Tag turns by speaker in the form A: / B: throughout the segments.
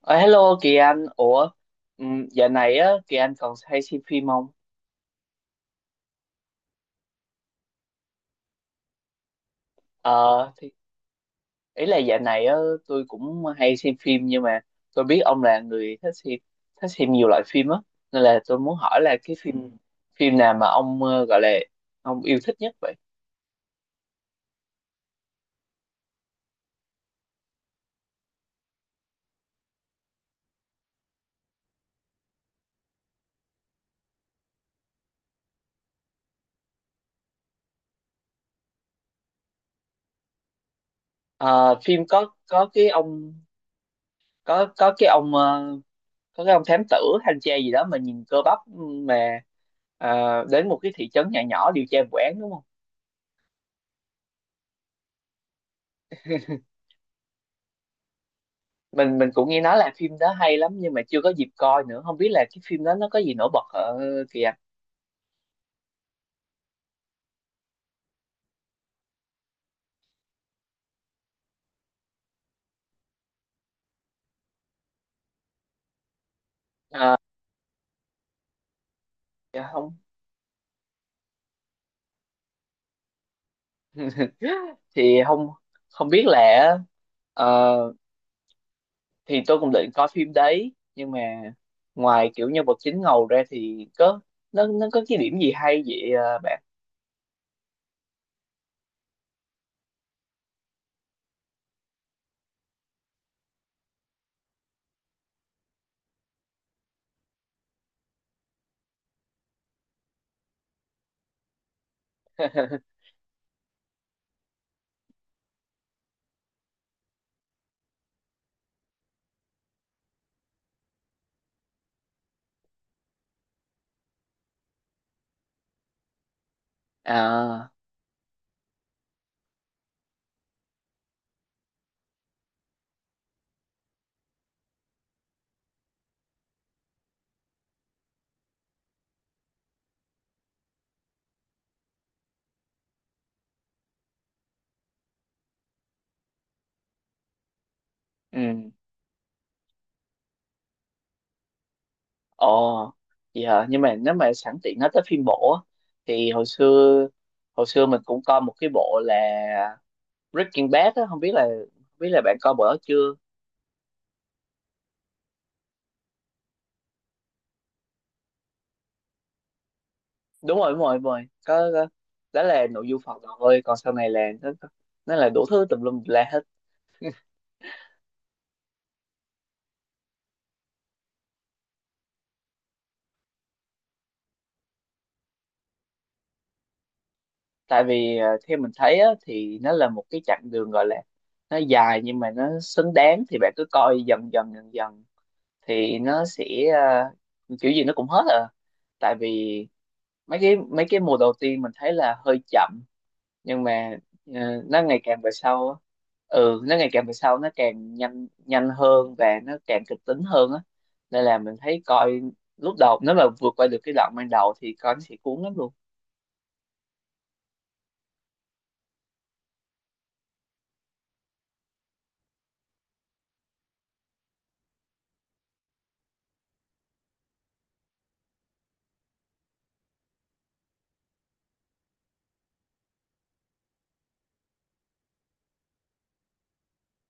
A: Ờ, Hello Kỳ Anh, ủa dạo này á Kỳ Anh còn hay xem phim không? Ờ thì Ý là dạo này á, tôi cũng hay xem phim, nhưng mà tôi biết ông là người thích xem, thích xem nhiều loại phim á, nên là tôi muốn hỏi là cái phim phim nào mà ông gọi là ông yêu thích nhất vậy? Ờ, phim có cái ông có cái ông có cái ông thám tử, thanh tra gì đó mà nhìn cơ bắp, mà ờ, đến một cái thị trấn nhỏ nhỏ điều tra vụ án đúng không? Mình cũng nghe nói là phim đó hay lắm, nhưng mà chưa có dịp coi nữa, không biết là cái phim đó nó có gì nổi bật ở kìa. Ờ, dạ không. thì không Không biết là, ờ, thì tôi cũng định coi phim đấy, nhưng mà ngoài kiểu nhân vật chính ngầu ra thì có, nó có cái điểm gì hay vậy ờ, bạn? À, ừ. Ồ, vậy hả, nhưng mà nếu mà sẵn tiện nói tới phim bộ á, thì hồi xưa mình cũng coi một cái bộ là Breaking Bad á, không biết là bạn coi bữa đó chưa? Đúng rồi, đúng rồi, đúng rồi, có, có. Đó là nội dung phần đầu thôi, còn sau này là nó là đủ thứ tùm lum la hết. Tại vì à, theo mình thấy á, thì nó là một cái chặng đường, gọi là nó dài nhưng mà nó xứng đáng, thì bạn cứ coi dần dần thì nó sẽ, à, kiểu gì nó cũng hết à. Tại vì mấy cái mùa đầu tiên mình thấy là hơi chậm, nhưng mà ờ, nó ngày càng về sau á, ừ, nó ngày càng về sau nó càng nhanh nhanh hơn và nó càng kịch tính hơn á, nên là mình thấy coi lúc đầu nếu mà vượt qua được cái đoạn ban đầu thì coi nó sẽ cuốn lắm luôn.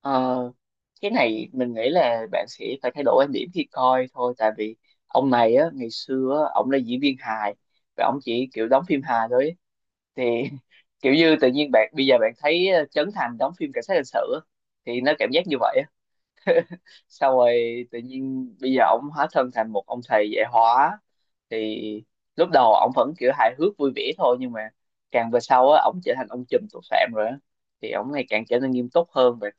A: Ờ, cái này mình nghĩ là bạn sẽ phải thay đổi quan điểm khi coi thôi, tại vì ông này á, ngày xưa á, ông là diễn viên hài và ông chỉ kiểu đóng phim hài thôi ấy. Thì kiểu như tự nhiên bạn bây giờ bạn thấy ờ, Trấn Thành đóng phim cảnh sát hình sự á, thì nó cảm giác như vậy. Sau rồi tự nhiên bây giờ ổng hóa thân thành một ông thầy dạy hóa, thì lúc đầu ổng vẫn kiểu hài hước vui vẻ thôi, nhưng mà càng về sau á ổng trở thành ông trùm tội phạm rồi á, thì ổng ngày càng trở nên nghiêm túc hơn,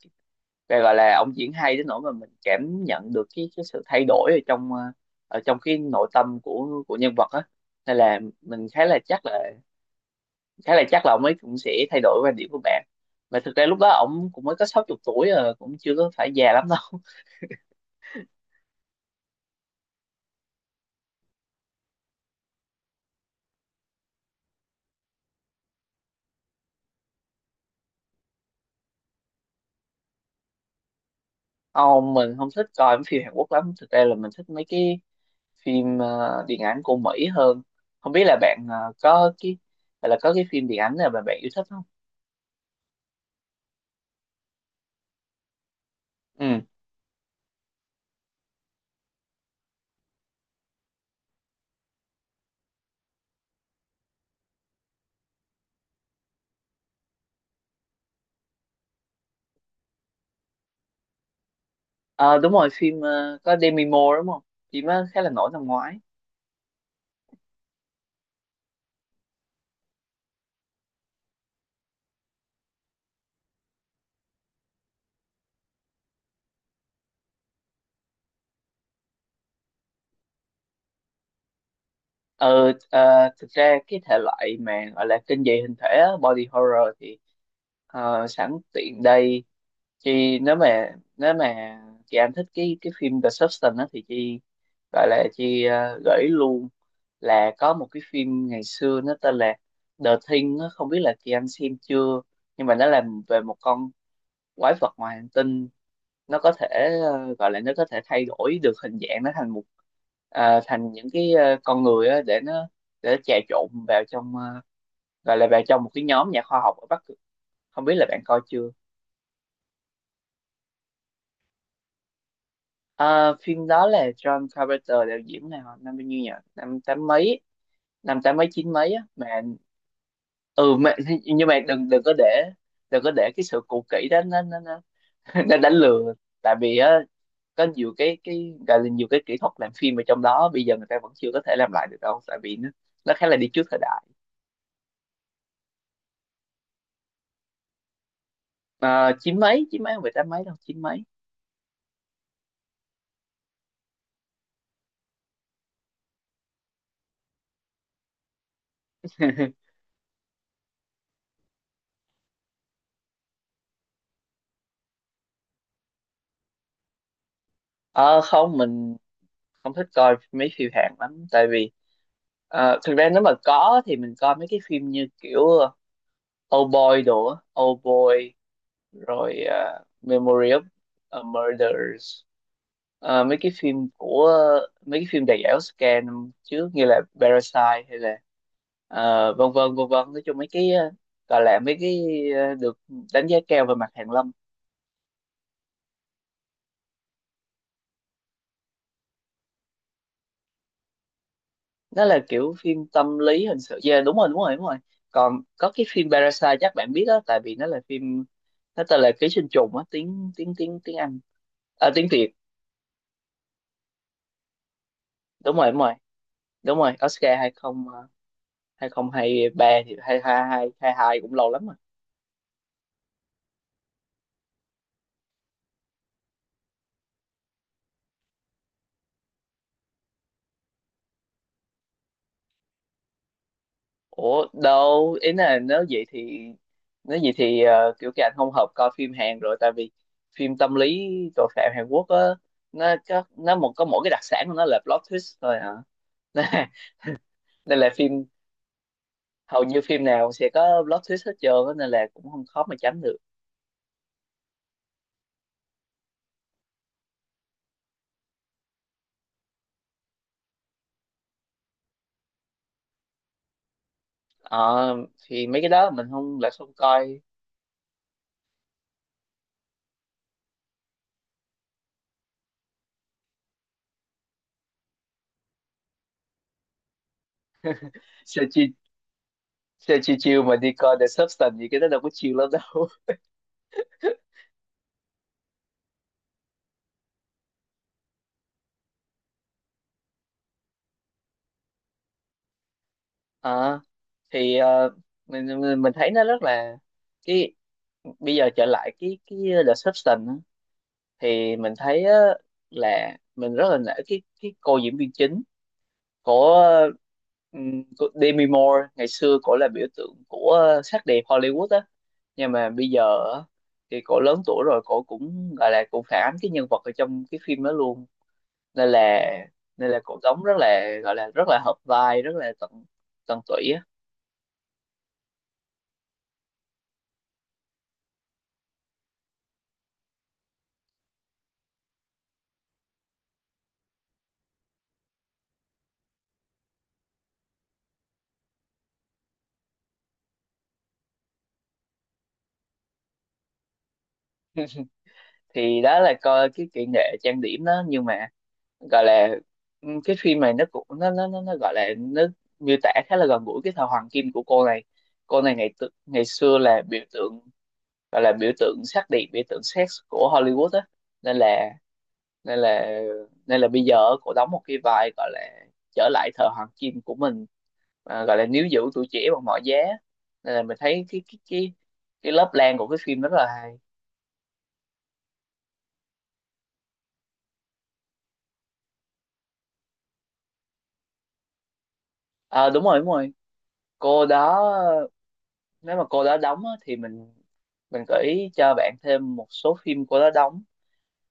A: và gọi là ổng diễn hay đến nỗi mà mình cảm nhận được cái sự thay đổi ở trong ở trong cái nội tâm của nhân vật á, nên là mình khá là chắc là ông ấy cũng sẽ thay đổi quan điểm của bạn. Mà thực ra lúc đó ổng cũng mới có 60 tuổi rồi, cũng chưa có phải già lắm đâu. Ông, mình không thích coi mấy phim Hàn Quốc lắm, thực ra là mình thích mấy cái phim ờ, điện ảnh của Mỹ hơn. Không biết là bạn có cái, hay là có cái phim điện ảnh nào mà bạn yêu thích không? Ừ. Ờ, đúng rồi, phim có Demi Moore đúng không, phim đó khá là nổi năm ngoái. ờ ờ, Thực ra cái thể loại mà gọi là kinh dị hình thể á, body horror, thì sẵn tiện đây chị, nếu mà chị Anh thích cái phim The Substance á, thì chị gọi là chị gợi ý luôn là có một cái phim ngày xưa nó tên là The Thing á, không biết là chị Anh xem chưa, nhưng mà nó làm về một con quái vật ngoài hành tinh. Nó có thể gọi là nó có thể thay đổi được hình dạng nó thành một, thành những cái con người á, để nó trà trộn vào trong gọi là vào trong một cái nhóm nhà khoa học ở Bắc Cực, không biết là bạn coi chưa? Ờ, phim đó là John Carpenter đạo diễn, này nào năm bao nhiêu nhỉ, năm tám mấy, năm tám mấy chín mấy á mà. Ừ mà, nhưng mà đừng đừng có để, đừng có để cái sự cũ kỹ đó nó nó đánh lừa. Tại vì á có nhiều cái gọi là nhiều cái kỹ thuật làm phim ở trong đó bây giờ người ta vẫn chưa có thể làm lại được đâu, tại vì nó khá là đi trước thời đại. Ờ, chín mấy, chín mấy, không phải tám mấy đâu, chín mấy. Ờ không, mình không thích coi mấy phim Hàn lắm, tại vì ờ, thực ra nếu mà có thì mình coi mấy cái phim như kiểu Old Boy đồ á. Old Boy, rồi ờ, Memory of a Murders. Ờ, mấy cái phim đầy ảo scam năm trước như là Parasite, hay là ờ, vân vân vân vân, nói chung mấy cái gọi là mấy cái được đánh giá cao về mặt hàn lâm. Nó là kiểu phim tâm lý hình sự, yeah, đúng rồi, đúng rồi, đúng rồi. Còn có cái phim Parasite chắc bạn biết đó, tại vì nó là phim, nó tên là Ký sinh trùng á, tiếng tiếng tiếng tiếng Anh, à, tiếng Việt. Đúng rồi, đúng rồi, đúng rồi, Oscar hai không, à, hai không hai ba, thì hai hai hai hai hai cũng lâu lắm rồi. Ủa đâu, ý là nếu vậy thì, ờ, kiểu cái anh không hợp coi phim Hàn rồi, tại vì phim tâm lý tội phạm Hàn Quốc á, nó có nó một có mỗi cái đặc sản của nó là plot twist thôi hả? Đây là phim, hầu như phim nào sẽ có plot twist hết trơn á, nên là cũng không khó mà tránh được. Ờ, thì mấy cái đó mình không, lại không coi. sao chi Sao chi chiêu mà đi coi The Substance gì, cái đó đâu có chiêu lắm đâu. Ờ, thì ờ, mình thấy nó rất là cái, bây giờ trở lại cái The Substance á, thì mình thấy á, là mình rất là nể cái cô diễn viên chính của của Demi Moore. Ngày xưa cổ là biểu tượng của sắc đẹp Hollywood á, nhưng mà bây giờ á, thì cổ lớn tuổi rồi, cổ cũng gọi là cũng phản ánh cái nhân vật ở trong cái phim đó luôn, nên là cổ đóng rất là, gọi là rất là hợp vai, rất là tận, tận tụy á. Thì đó là coi cái kỹ nghệ trang điểm đó, nhưng mà gọi là, ừ, cái phim này nó cũng nó gọi là nó miêu tả khá là gần gũi cái thời hoàng kim của cô này. Cô này ngày ngày xưa là biểu tượng, gọi là biểu tượng sắc đẹp, biểu tượng sex của Hollywood á, nên là nên là bây giờ cô đóng một cái vai gọi là trở lại thời hoàng kim của mình, à, gọi là níu giữ tuổi trẻ bằng mọi giá, nên là mình thấy cái lớp lang của cái phim rất là hay. À, đúng rồi, đúng rồi, cô đó, nếu mà cô đó đóng á, thì mình gợi ý cho bạn thêm một số phim cô đó đóng.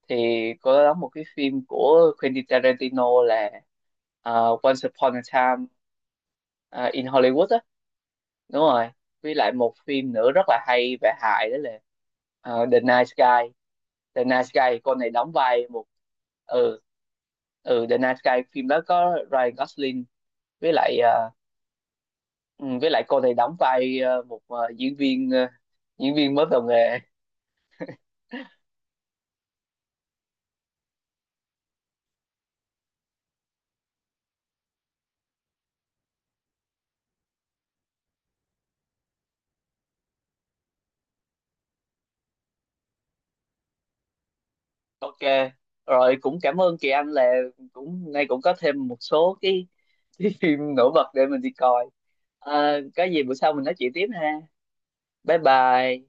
A: Thì cô đó đóng một cái phim của Quentin Tarantino là à, Once Upon a Time, à, in Hollywood á. Đúng rồi, với lại một phim nữa rất là hay về hài đó là ờ, The Night Sky. The Night Sky cô này đóng vai một, ừ, ừ, The Night Sky phim đó có Ryan Gosling, với lại ừ, với lại cô này đóng vai một diễn viên, diễn viên mới vào nghề. OK, rồi cũng cảm ơn chị Anh, là cũng nay cũng có thêm một số cái phim nổi bật để mình đi coi. Ờ, có gì bữa sau mình nói chuyện tiếp ha, bye bye.